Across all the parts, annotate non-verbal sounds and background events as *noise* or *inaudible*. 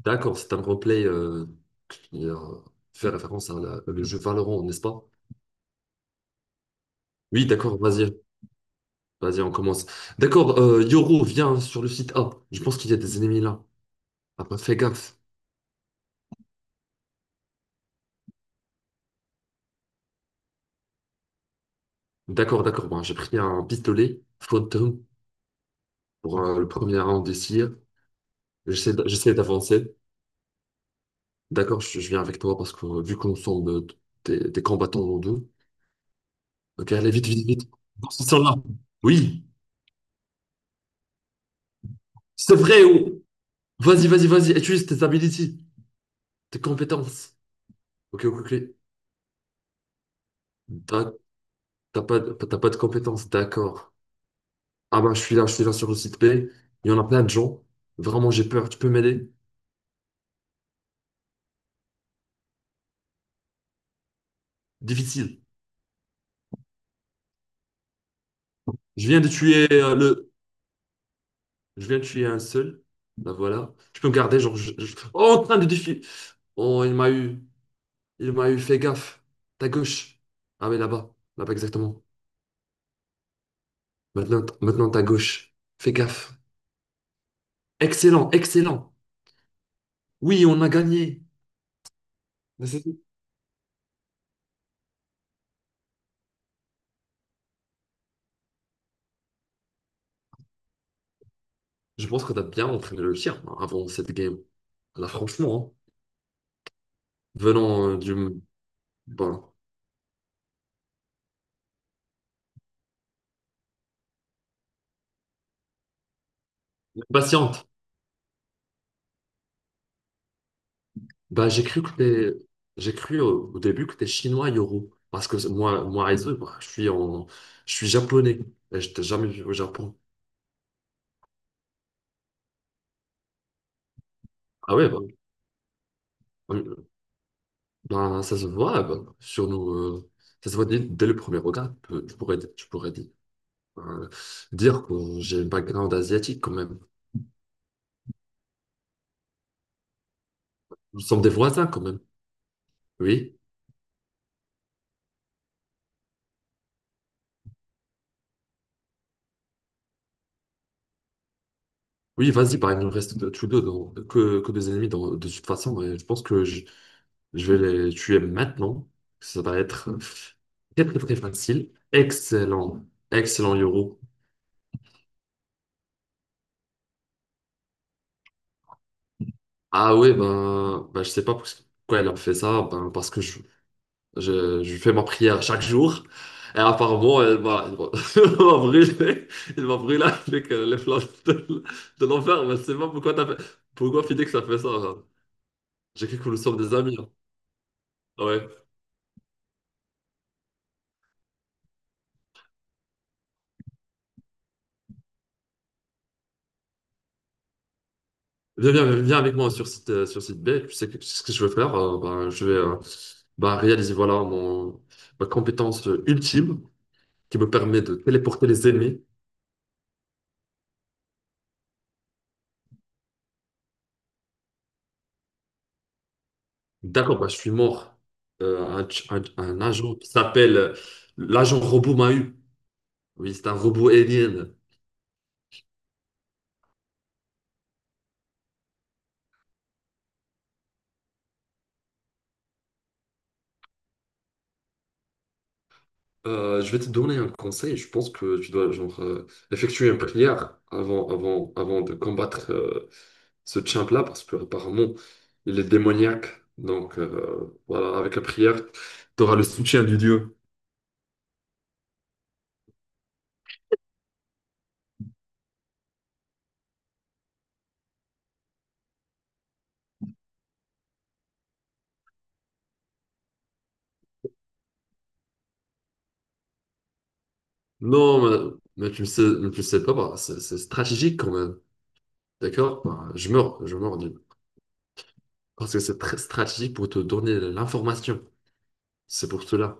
D'accord, c'est un roleplay qui fait référence à le jeu Valorant, n'est-ce pas? Oui, d'accord, vas-y, vas-y, on commence. D'accord, Yoru, viens sur le site A. Je pense qu'il y a des ennemis là. Ah, bah, fais gaffe. D'accord, d'accord, bon, j'ai pris un pistolet, Phantom, pour le premier round ici. J'essaie d'avancer. D'accord, je viens avec toi parce que vu qu'on semble des combattants en deux. Ok, allez, vite, vite, vite. Bon, ils sont là. Oui, c'est vrai. Oh. Vas-y, vas-y, vas-y, utilise tes abilities, tes compétences. Ok, ok, ok. D'ac- T'as pas, t'as pas de compétences, d'accord. Ah bah, je suis là sur le site B. Il y en a plein de gens. Vraiment, j'ai peur. Tu peux m'aider? Difficile. Je viens de tuer le. Je viens de tuer un seul. Là, voilà. Tu peux me garder, genre. Je- Oh, en train de défier. Oh, il m'a eu. Il m'a eu. Fais gaffe. Ta gauche. Ah oui, là-bas. Là-bas, exactement. Maintenant, maintenant, ta gauche. Fais gaffe. Excellent, excellent. Oui, on a gagné. Je pense que tu as bien entraîné le tir hein, avant cette game. Là, franchement, hein, venant du... Voilà. Patiente. Bah, j'ai cru que t'es... J'ai cru au début que t'es chinois, Yoro. Parce que moi, Aizu, bah, je suis en... Je suis japonais. Et je t'ai jamais vu au Japon. Ah ouais, bah, euh, bah, ça se voit bah, sur nous... ça se voit dès le premier regard. Tu pourrais dire, euh, dire que j'ai un background asiatique quand même. Nous sommes des voisins quand même. Oui. Oui, vas-y, bah, il nous reste tous deux que des ennemis de toute façon, et je pense que je vais les tuer maintenant. Ça va être très très très facile. Excellent, excellent Yoro. Ah ouais, ben, ben je sais pas pourquoi elle a fait ça, ben, parce que je fais ma prière chaque jour, et apparemment elle m'a- *laughs* elle m'a brûlé, elle m'a brûlé avec les flammes de l'enfer, mais je sais pas pourquoi t'as fait, pourquoi Phoenix a fait ça. Hein. J'ai cru que nous sommes des amis. Hein. Ouais. Viens, viens, viens avec moi sur site B. Tu sais que, ce que je veux faire. Bah, je vais bah, réaliser voilà, mon, ma compétence ultime qui me permet de téléporter les ennemis. D'accord, ben je suis mort. Un agent qui s'appelle l'agent robot m'a eu. Oui, c'est un robot alien. Je vais te donner un conseil. Je pense que tu dois genre, effectuer une prière avant de combattre ce champ-là parce que apparemment il est démoniaque. Donc voilà, avec la prière, tu auras le soutien du Dieu. Non, mais tu ne sais, mais tu ne sais pas, bah, c'est stratégique quand même. D'accord? Bah, je meurs. Parce que c'est très stratégique pour te donner l'information. C'est pour cela.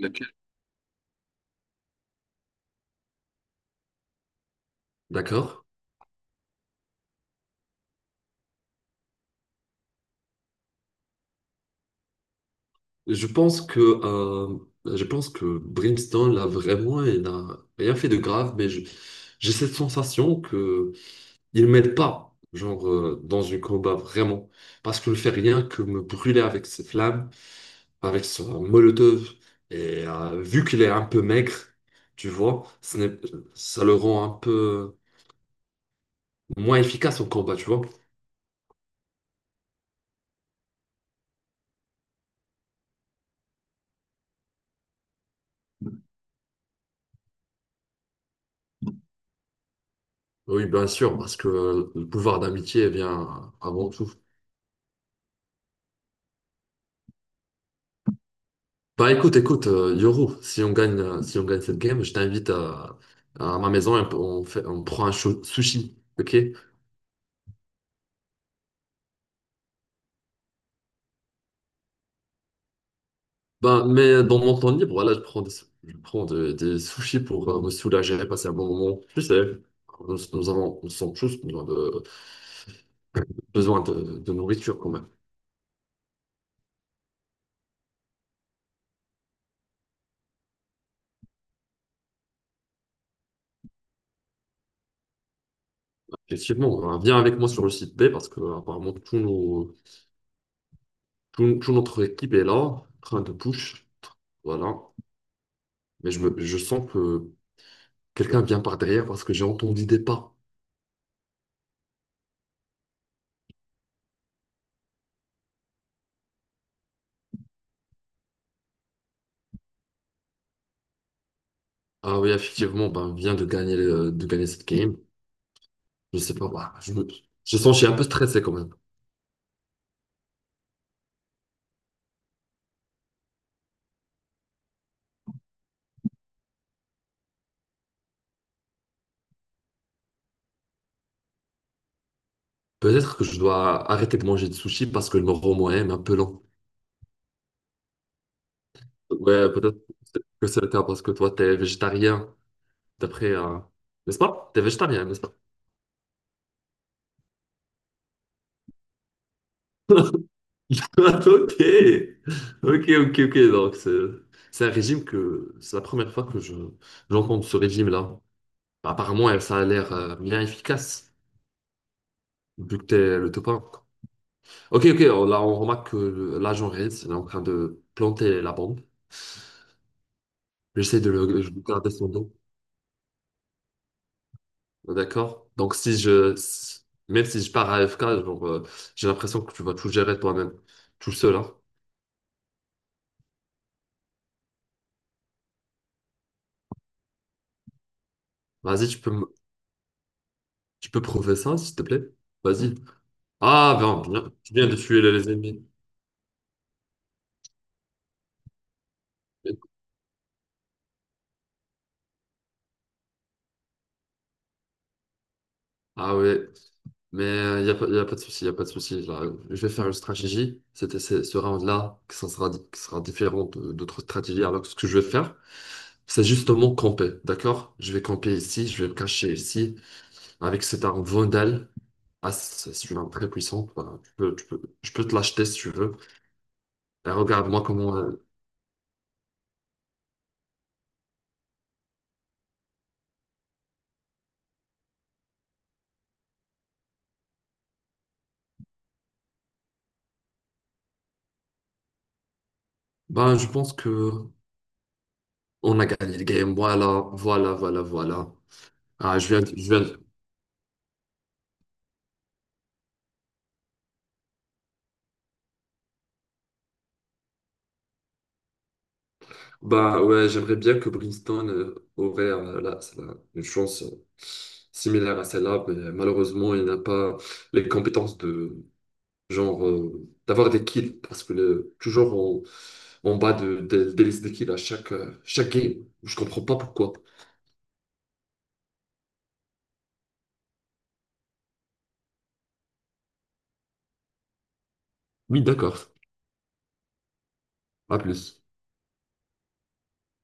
D'accord? D'accord? Je pense que, euh, je pense que Brimstone, là, vraiment, il n'a rien fait de grave, j'ai cette sensation que il m'aide pas, genre, dans un combat, vraiment. Parce qu'il ne fait rien que me brûler avec ses flammes, avec son molotov. Et vu qu'il est un peu maigre, tu vois, ce n'est- ça le rend un peu moins efficace en combat, tu vois. Oui, bien sûr, parce que le pouvoir d'amitié vient avant tout. Bah écoute, écoute, Yoru, si on gagne, si on gagne cette game, à ma maison et on prend sushi, ok? Bah, mais dans mon temps libre, voilà, des sushis pour me soulager, passer un bon moment. Tu sais, nous sommes tous besoin de, de nourriture quand même. Effectivement, viens avec moi sur le site B parce que apparemment tout notre équipe est là, en train de push, voilà. Mais je sens que quelqu'un vient par derrière parce que j'ai entendu des pas. Ah oui, effectivement, ben, vient de gagner, le- de gagner cette game. Je sais pas, bah, je sens que je suis un peu stressé quand même. Peut-être que je dois arrêter de manger de sushi parce que le moro moyen est un peu lent. Ouais, peut-être que c'est le cas parce que toi, t'es végétarien, d'après, n'est-ce pas? T'es végétarien, n'est-ce pas? *laughs* Ok, ok, ok, ok. Donc, c'est un régime que c'est la première fois que je j'entends de ce régime-là. Apparemment, ça a l'air bien efficace, vu que t'es le top 1. Ok, ok, là on remarque que l'agent Reds il est en train de planter la bombe. J'essaie de le je veux garder son dos. D'accord? Donc si je si- même si je pars à AFK, genre, j'ai l'impression que tu vas tout gérer toi-même, tout seul, hein. Vas-y, tu peux prouver ça, s'il te plaît? Vas-y. Ah ben bien, tu viens de tuer les ennemis. Ah ouais. Mais il n'y a, pas y a pas de souci, il n'y a pas de souci. Là, je vais faire une stratégie. C'était ce round-là qui sera différent d'autres stratégies. Alors, ce que je vais faire, c'est justement camper. D'accord? Je vais camper ici, je vais me cacher ici avec cet arme Vandal. Ah, c'est une arme très puissante. Voilà, je peux te l'acheter si tu veux. Et regarde-moi comment. Euh, ben, je pense que on a gagné le game. Voilà, voilà, voilà, voilà. Ah, je viens, de- je viens, Bah ouais, j'aimerais bien que Brimstone aurait là, une chance similaire à celle-là, mais malheureusement, il n'a pas les compétences de genre d'avoir des kills parce que toujours en, en bas des listes de kills à chaque game. Je comprends pas pourquoi. Oui, d'accord. À plus.